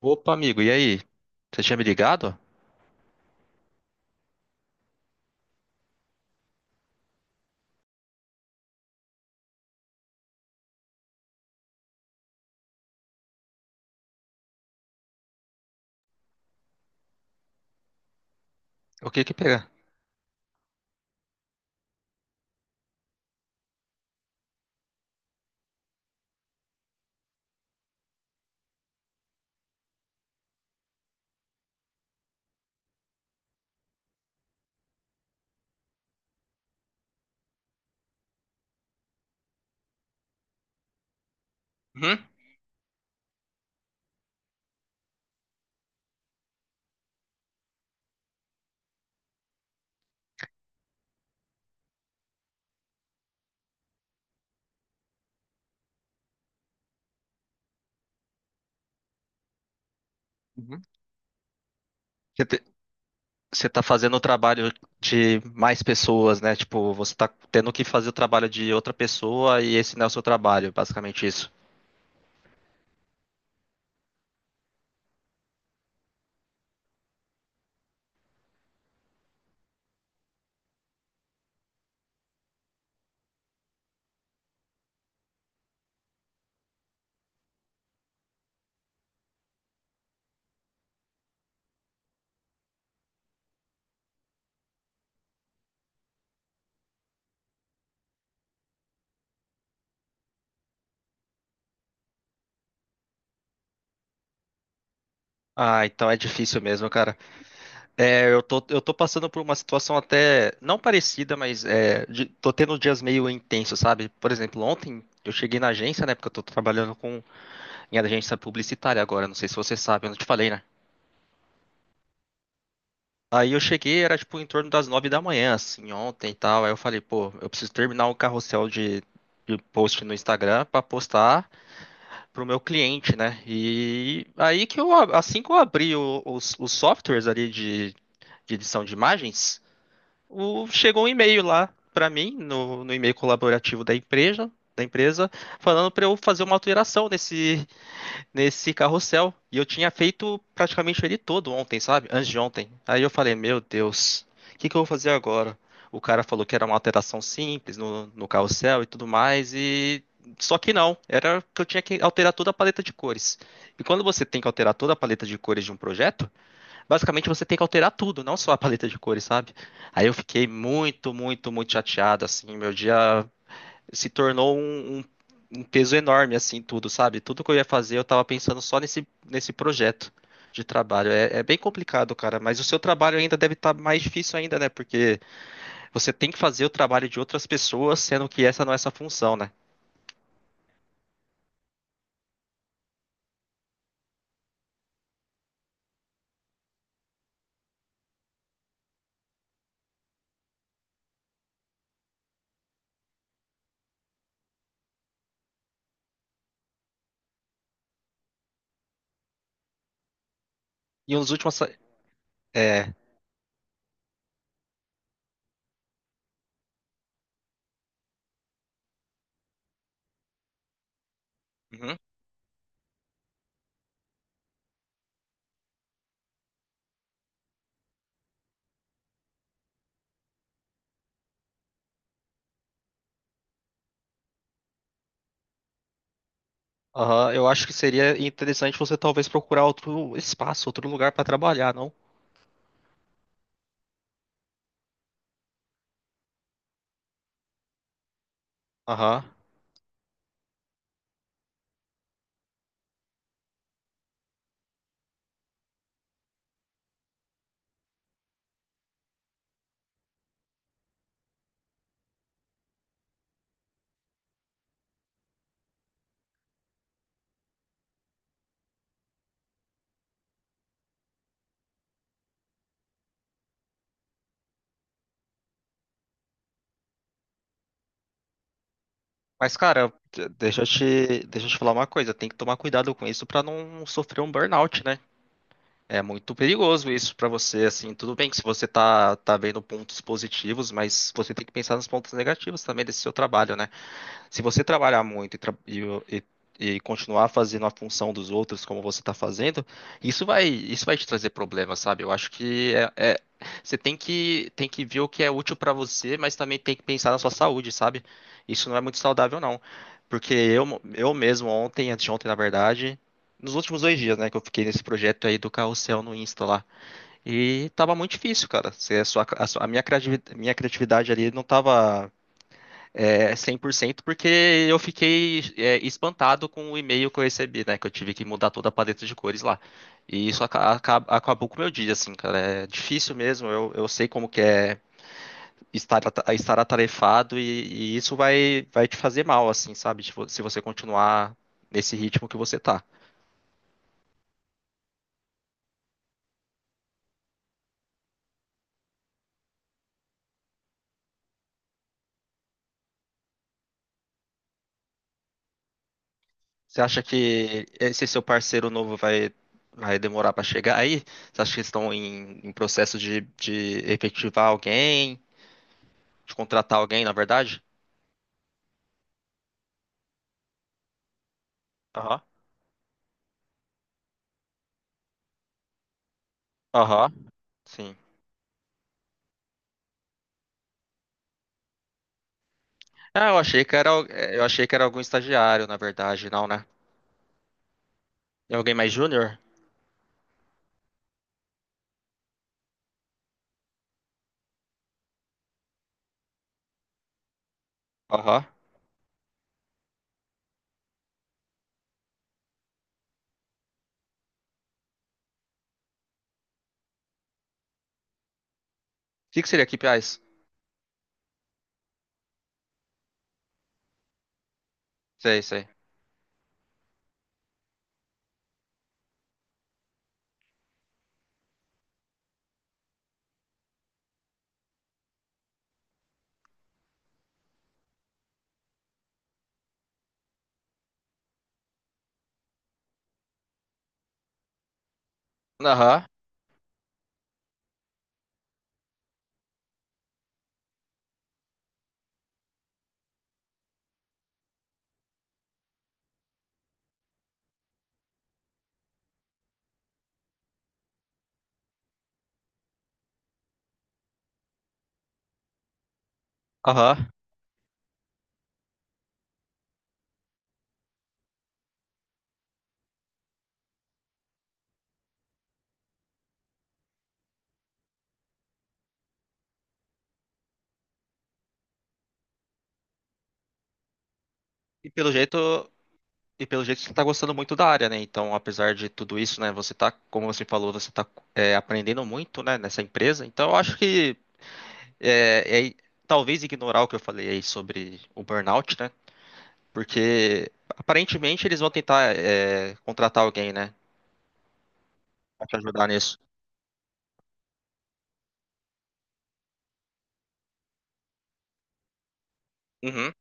Opa, amigo, e aí? Você tinha me ligado? O que que pegar? Uhum. Uhum. Você te- Você tá fazendo o trabalho de mais pessoas, né? Tipo, você tá tendo que fazer o trabalho de outra pessoa e esse não é o seu trabalho, basicamente isso. Ah, então é difícil mesmo, cara. É, eu tô passando por uma situação até não parecida, mas tô tendo dias meio intensos, sabe? Por exemplo, ontem eu cheguei na agência, né? Porque eu tô trabalhando em agência publicitária agora, não sei se você sabe, eu não te falei, né? Aí eu cheguei, era tipo em torno das 9 da manhã, assim, ontem e tal. Aí eu falei, pô, eu preciso terminar um carrossel de post no Instagram pra postar pro meu cliente, né? E aí que eu, assim que eu abri os softwares ali de edição de imagens, chegou um e-mail lá pra mim, no e-mail colaborativo da empresa, falando pra eu fazer uma alteração nesse carrossel. E eu tinha feito praticamente ele todo ontem, sabe? Antes de ontem. Aí eu falei, meu Deus, o que que eu vou fazer agora? O cara falou que era uma alteração simples no carrossel e tudo mais, e só que não, era que eu tinha que alterar toda a paleta de cores. E quando você tem que alterar toda a paleta de cores de um projeto, basicamente você tem que alterar tudo, não só a paleta de cores, sabe? Aí eu fiquei muito, muito, muito chateado, assim, meu dia se tornou um peso enorme, assim, tudo, sabe? Tudo que eu ia fazer, eu tava pensando só nesse projeto de trabalho. É bem complicado, cara, mas o seu trabalho ainda deve estar mais difícil ainda, né? Porque você tem que fazer o trabalho de outras pessoas, sendo que essa não é essa função, né? E um dos últimos. É. Uhum. Aham, eu acho que seria interessante você talvez procurar outro espaço, outro lugar pra trabalhar, não? Aham. Mas, cara, deixa eu te falar uma coisa, tem que tomar cuidado com isso pra não sofrer um burnout, né? É muito perigoso isso pra você, assim, tudo bem que se você tá vendo pontos positivos, mas você tem que pensar nos pontos negativos também desse seu trabalho, né? Se você trabalhar muito e- e continuar fazendo a função dos outros como você está fazendo, isso vai te trazer problemas, sabe? Eu acho que você tem que ver o que é útil para você, mas também tem que pensar na sua saúde, sabe? Isso não é muito saudável, não. Porque eu mesmo, ontem, antes de ontem, na verdade, nos últimos 2 dias, né, que eu fiquei nesse projeto aí do carrossel no Insta lá. E tava muito difícil, cara. Se A, sua, a, sua- Minha criatividade ali não tava 100% porque eu fiquei espantado com o e-mail que eu recebi, né? Que eu tive que mudar toda a paleta de cores lá. E isso acabou com o meu dia, assim, cara. É difícil mesmo, eu sei como que é estar atarefado e isso vai te fazer mal, assim, sabe? Tipo, se você continuar nesse ritmo que você tá. Você acha que esse seu parceiro novo vai demorar pra chegar aí? Você acha que eles estão em processo de efetivar alguém, de contratar alguém, na verdade? Aham. Aham. Sim. Ah, eu achei que era algum estagiário, na verdade, não, né? É alguém mais júnior? Aham. O que que seria KPIs? Sei, sei. Aham. Aham. E pelo jeito, e pelo jeito você tá gostando muito da área, né? Então, apesar de tudo isso, né, você tá, como você falou, você tá aprendendo muito, né, nessa empresa. Então, eu acho que é, é, talvez ignorar o que eu falei aí sobre o burnout, né? Porque aparentemente eles vão tentar contratar alguém, né, pra te ajudar nisso. Uhum.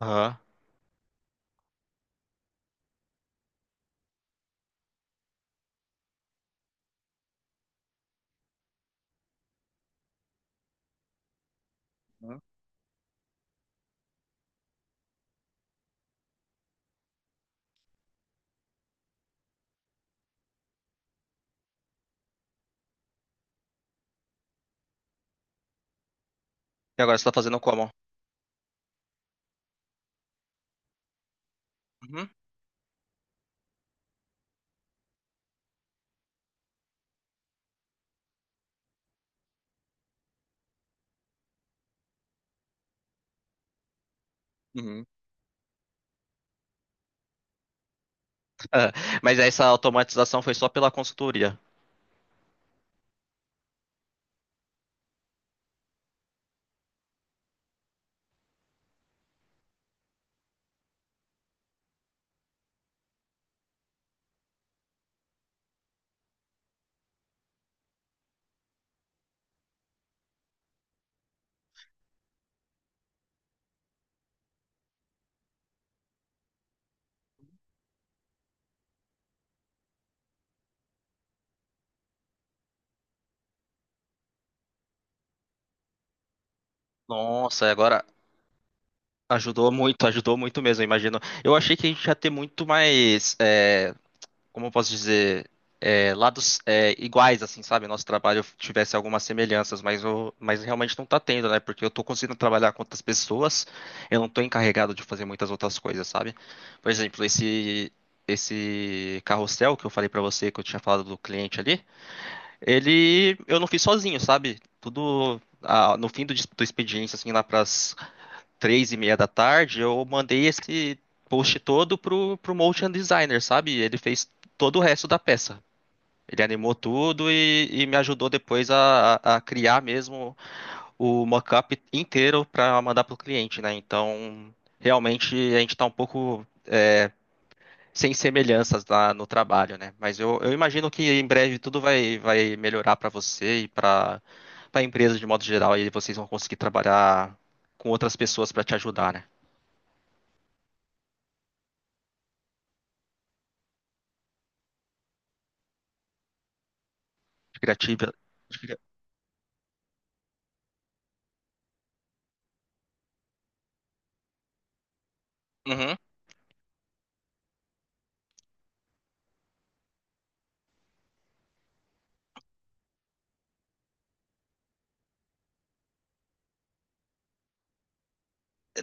Aham. Né? E agora você tá fazendo como? Uhum. Uhum. Ah, mas essa automatização foi só pela consultoria. Nossa, agora ajudou muito, ajudou muito mesmo, eu imagino. Eu achei que a gente ia ter muito mais, como eu posso dizer, lados iguais, assim, sabe? Nosso trabalho tivesse algumas semelhanças, mas realmente não tá tendo, né? Porque eu tô conseguindo trabalhar com outras pessoas, eu não tô encarregado de fazer muitas outras coisas, sabe? Por exemplo, esse carrossel que eu falei pra você, que eu tinha falado do cliente ali. Ele, eu não fiz sozinho, sabe? Tudo no fim do expediente, assim, lá pras 3:30 da tarde, eu mandei esse post todo pro motion designer, sabe? Ele fez todo o resto da peça. Ele animou tudo e me ajudou depois a criar mesmo o mockup inteiro para mandar pro cliente, né? Então, realmente a gente tá um pouco sem semelhanças lá no trabalho, né? Mas eu imagino que em breve tudo vai melhorar para você e para a empresa de modo geral, e vocês vão conseguir trabalhar com outras pessoas para te ajudar, né? De Criativa. de cria- Uhum.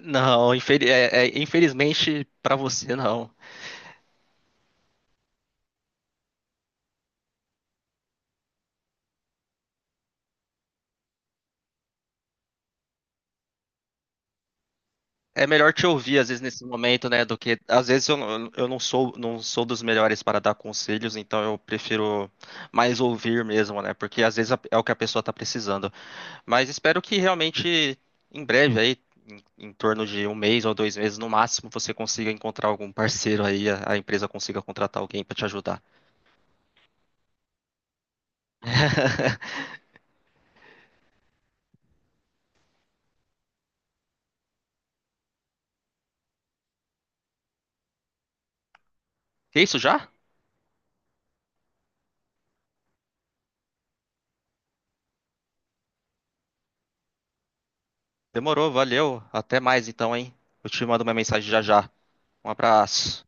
Não, infelizmente para você não. É melhor te ouvir às vezes nesse momento, né? Do que às vezes eu não sou dos melhores para dar conselhos, então eu prefiro mais ouvir mesmo, né? Porque às vezes é o que a pessoa está precisando. Mas espero que realmente em breve aí, em torno de um mês ou 2 meses no máximo, você consiga encontrar algum parceiro aí, a empresa consiga contratar alguém para te ajudar. É isso já? Demorou, valeu. Até mais então, hein? Eu te mando uma mensagem já já. Um abraço.